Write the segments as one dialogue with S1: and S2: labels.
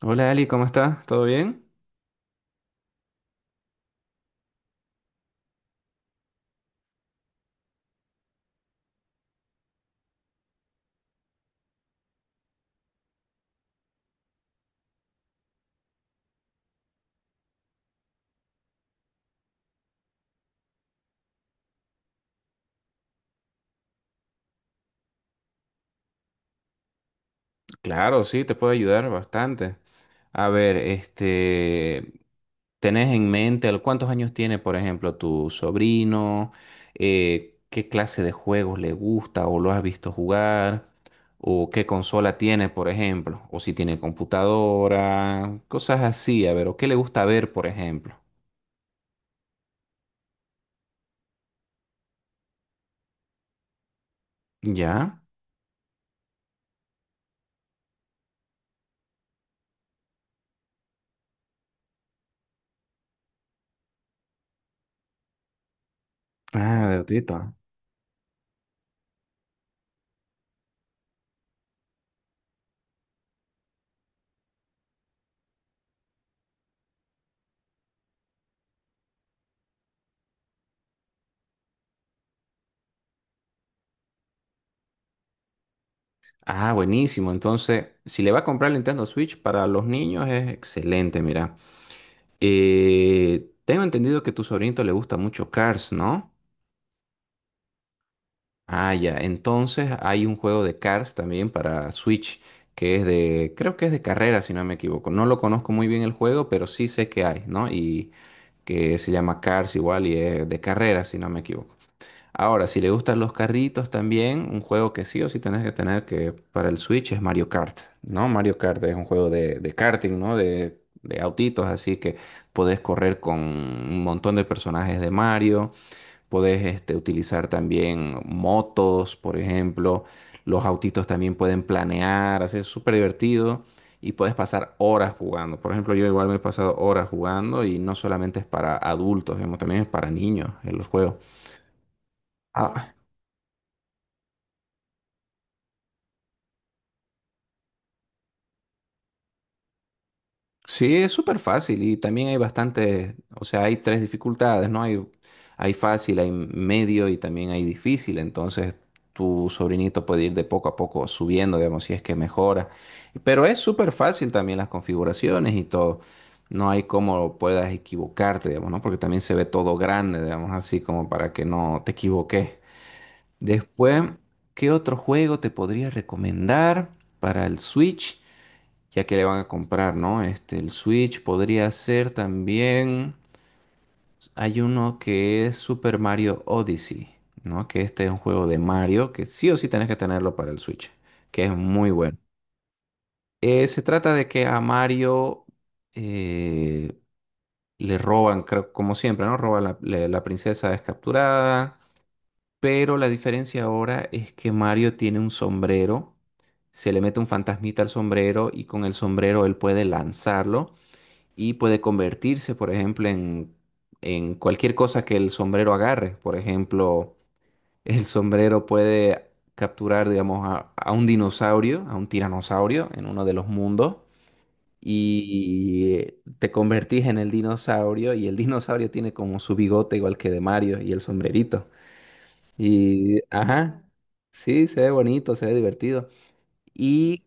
S1: Hola Ali, ¿cómo estás? ¿Todo bien? Claro, sí, te puedo ayudar bastante. A ver, este, ¿tenés en mente cuántos años tiene, por ejemplo, tu sobrino? ¿Qué clase de juegos le gusta o lo has visto jugar? ¿O qué consola tiene, por ejemplo? ¿O si tiene computadora? Cosas así, a ver, ¿o qué le gusta ver, por ejemplo? ¿Ya? Ah, de Tito. Ah, buenísimo. Entonces, si le va a comprar el Nintendo Switch para los niños es excelente, mira. Tengo entendido que a tu sobrinito le gusta mucho Cars, ¿no? Ah, ya. Entonces hay un juego de Cars también para Switch que es creo que es de carrera, si no me equivoco. No lo conozco muy bien el juego, pero sí sé que hay, ¿no? Y que se llama Cars igual y es de carrera, si no me equivoco. Ahora, si le gustan los carritos también, un juego que sí o sí tenés que tener que para el Switch es Mario Kart, ¿no? Mario Kart es un juego de karting, ¿no? De autitos, así que podés correr con un montón de personajes de Mario, podés este, utilizar también motos, por ejemplo, los autitos también pueden planear, así es súper divertido y puedes pasar horas jugando. Por ejemplo, yo igual me he pasado horas jugando y no solamente es para adultos, digamos, también es para niños en los juegos. Ah. Sí, es súper fácil y también hay bastantes, o sea, hay tres dificultades, ¿no? Hay fácil, hay medio y también hay difícil, entonces tu sobrinito puede ir de poco a poco subiendo, digamos, si es que mejora. Pero es súper fácil también las configuraciones y todo. No hay cómo puedas equivocarte, digamos, ¿no? Porque también se ve todo grande, digamos, así como para que no te equivoques. Después, ¿qué otro juego te podría recomendar para el Switch, ya que le van a comprar, ¿no? Este, el Switch podría ser también. Hay uno que es Super Mario Odyssey, ¿no? Que este es un juego de Mario que sí o sí tenés que tenerlo para el Switch, que es muy bueno. Se trata de que a Mario eh, le roban, creo, como siempre, ¿no? Roban la princesa es capturada, pero la diferencia ahora es que Mario tiene un sombrero, se le mete un fantasmita al sombrero y con el sombrero él puede lanzarlo y puede convertirse, por ejemplo, en cualquier cosa que el sombrero agarre. Por ejemplo, el sombrero puede capturar, digamos, a un dinosaurio, a un tiranosaurio en uno de los mundos. Y te convertís en el dinosaurio y el dinosaurio tiene como su bigote igual que de Mario y el sombrerito. Y, ajá, sí, se ve bonito, se ve divertido. Y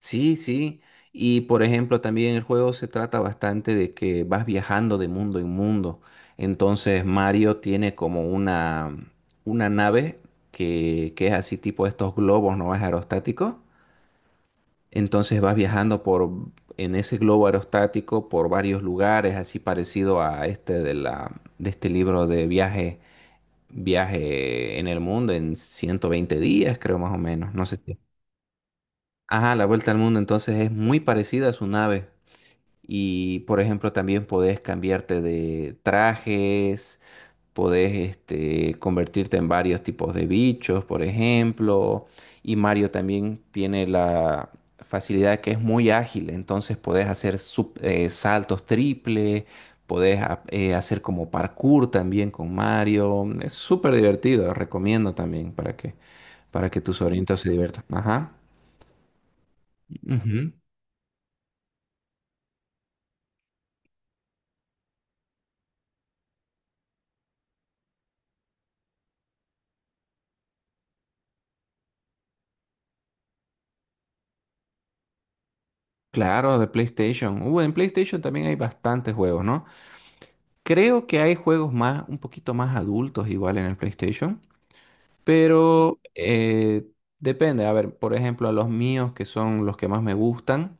S1: sí, sí. Y, por ejemplo, también el juego se trata bastante de que vas viajando de mundo en mundo. Entonces Mario tiene como una nave que es así tipo estos globos, ¿no? Es aerostático. Entonces vas viajando por en ese globo aerostático por varios lugares, así parecido a este de este libro de viaje, viaje en el mundo en 120 días, creo más o menos. No sé si. Ajá, la vuelta al mundo, entonces es muy parecida a su nave. Y, por ejemplo, también podés cambiarte de trajes, podés este, convertirte en varios tipos de bichos, por ejemplo. Y Mario también tiene la facilidad que es muy ágil, entonces podés hacer saltos triple, podés hacer como parkour también con Mario. Es súper divertido, recomiendo también para que tus sobrinitos se diviertan. Ajá. Ujú. Claro, de PlayStation. En PlayStation también hay bastantes juegos, ¿no? Creo que hay juegos más, un poquito más adultos igual en el PlayStation, pero depende. A ver, por ejemplo, a los míos que son los que más me gustan,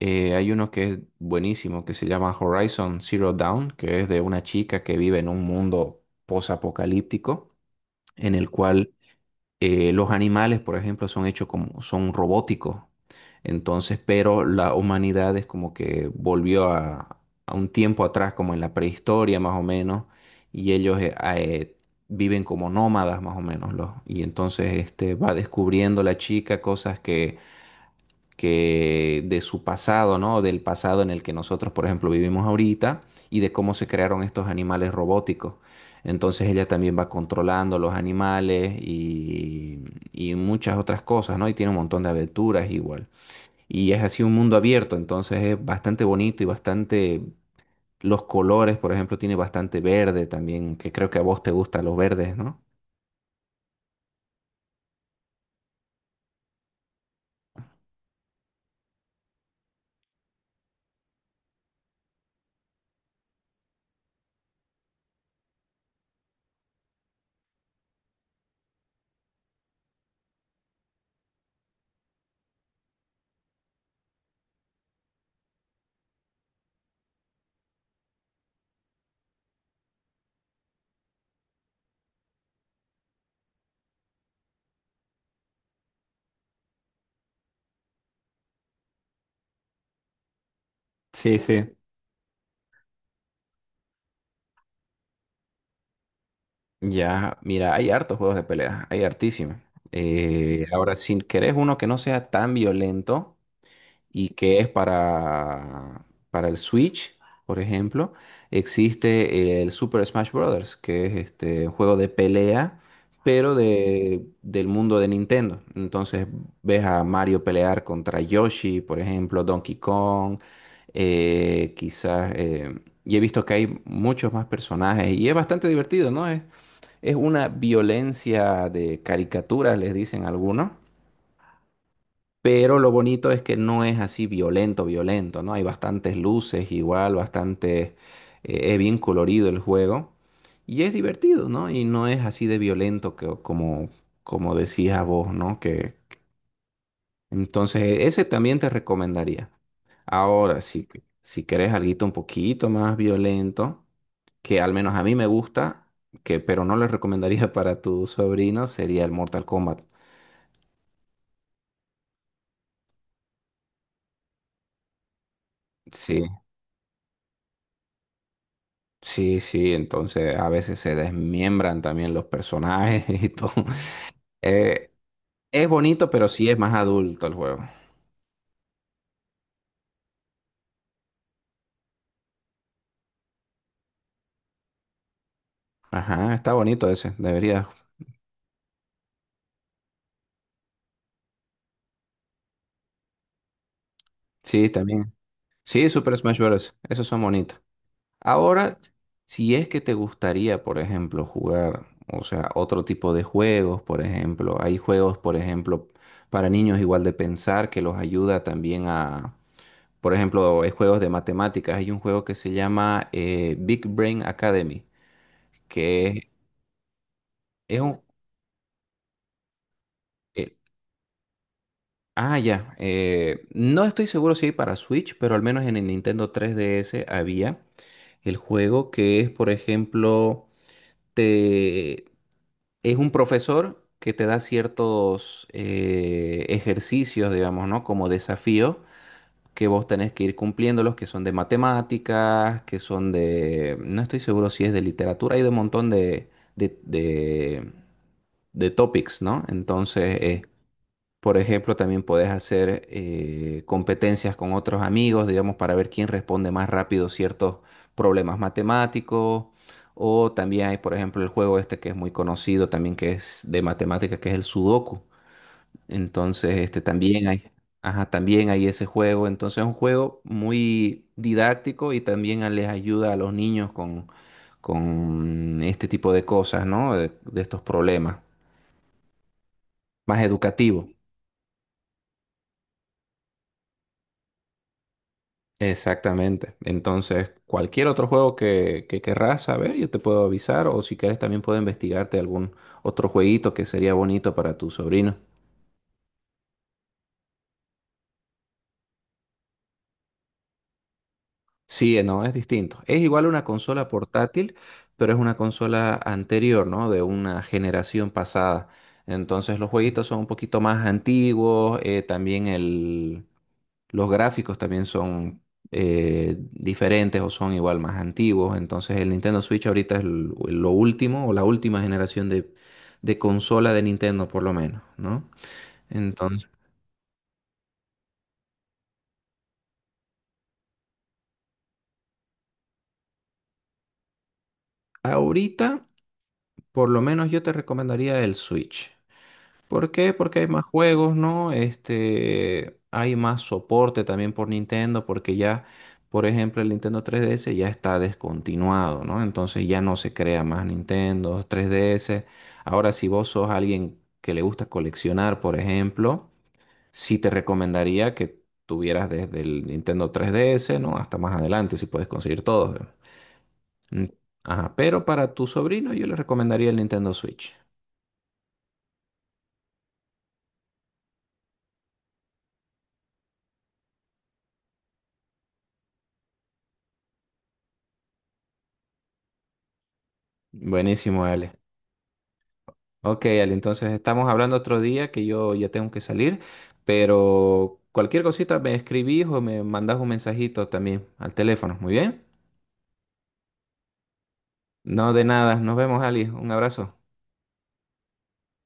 S1: hay uno que es buenísimo, que se llama Horizon Zero Dawn, que es de una chica que vive en un mundo posapocalíptico, en el cual los animales, por ejemplo, son hechos como, son robóticos. Entonces, pero la humanidad es como que volvió a un tiempo atrás, como en la prehistoria más o menos, y ellos viven como nómadas más o menos, y entonces este, va descubriendo la chica cosas que de su pasado, ¿no? Del pasado en el que nosotros, por ejemplo, vivimos ahorita y de cómo se crearon estos animales robóticos. Entonces ella también va controlando los animales y muchas otras cosas, ¿no? Y tiene un montón de aventuras igual. Y es así un mundo abierto, entonces es bastante bonito y bastante. Los colores, por ejemplo, tiene bastante verde también, que creo que a vos te gustan los verdes, ¿no? Sí, sí. Ya, mira, hay hartos juegos de pelea, hay hartísimos. Ahora, si querés uno que no sea tan violento y que es para, el Switch, por ejemplo, existe el Super Smash Bros., que es este un juego de pelea, pero del mundo de Nintendo. Entonces, ves a Mario pelear contra Yoshi, por ejemplo, Donkey Kong, quizás, y he visto que hay muchos más personajes y es bastante divertido, ¿no? Es una violencia de caricaturas, les dicen algunos, pero lo bonito es que no es así violento, violento, ¿no? Hay bastantes luces igual, bastante, es bien colorido el juego y es divertido, ¿no? Y no es así de violento que, como decías vos, ¿no? Que entonces ese también te recomendaría. Ahora, si querés alguito un poquito más violento, que al menos a mí me gusta, pero no les recomendaría para tu sobrino, sería el Mortal Kombat. Sí, sí, sí, entonces a veces se desmiembran también los personajes y todo. Eh, es bonito, pero sí es más adulto el juego. Ajá, está bonito ese, debería. Sí, también. Sí, Super Smash Bros. Esos son bonitos. Ahora, si es que te gustaría, por ejemplo, jugar, o sea, otro tipo de juegos, por ejemplo, hay juegos, por ejemplo, para niños igual de pensar que los ayuda también a, por ejemplo, hay juegos de matemáticas, hay un juego que se llama Big Brain Academy, que es, un, eh, ya, no estoy seguro si hay para Switch, pero al menos en el Nintendo 3DS había el juego que es, por ejemplo, te es un profesor que te da ciertos ejercicios, digamos, ¿no? Como desafíos que vos tenés que ir cumpliéndolos, que son de matemáticas, que son de, no estoy seguro si es de literatura, hay de un montón de, de, de, de topics, ¿no? Entonces, por ejemplo, también podés hacer competencias con otros amigos, digamos, para ver quién responde más rápido ciertos problemas matemáticos. O también hay, por ejemplo, el juego este que es muy conocido también, que es de matemáticas, que es el Sudoku. Entonces, este también hay, ajá, también hay ese juego. Entonces, es un juego muy didáctico y también les ayuda a los niños con este tipo de cosas, ¿no? De estos problemas, más educativo. Exactamente. Entonces, cualquier otro juego que querrás saber, yo te puedo avisar, o si quieres también puedo investigarte algún otro jueguito que sería bonito para tu sobrino. Sí, no, es distinto. Es igual una consola portátil, pero es una consola anterior, ¿no? De una generación pasada. Entonces los jueguitos son un poquito más antiguos, también los gráficos también son diferentes o son igual más antiguos. Entonces el Nintendo Switch ahorita es lo último o la última generación de consola de Nintendo por lo menos, ¿no? Entonces, ahorita por lo menos yo te recomendaría el Switch. ¿Por qué? Porque hay más juegos, ¿no? Este, hay más soporte también por Nintendo, porque ya, por ejemplo, el Nintendo 3DS ya está descontinuado, ¿no? Entonces ya no se crea más Nintendo 3DS. Ahora, si vos sos alguien que le gusta coleccionar, por ejemplo, sí te recomendaría que tuvieras desde el Nintendo 3DS, ¿no? Hasta más adelante, si puedes conseguir todos. Mm. Ajá, pero para tu sobrino yo le recomendaría el Nintendo Switch. Buenísimo, Ale. Ok, Ale, entonces estamos hablando otro día que yo ya tengo que salir, pero cualquier cosita me escribís o me mandás un mensajito también al teléfono, ¿muy bien? No, de nada, nos vemos, Ali, un abrazo.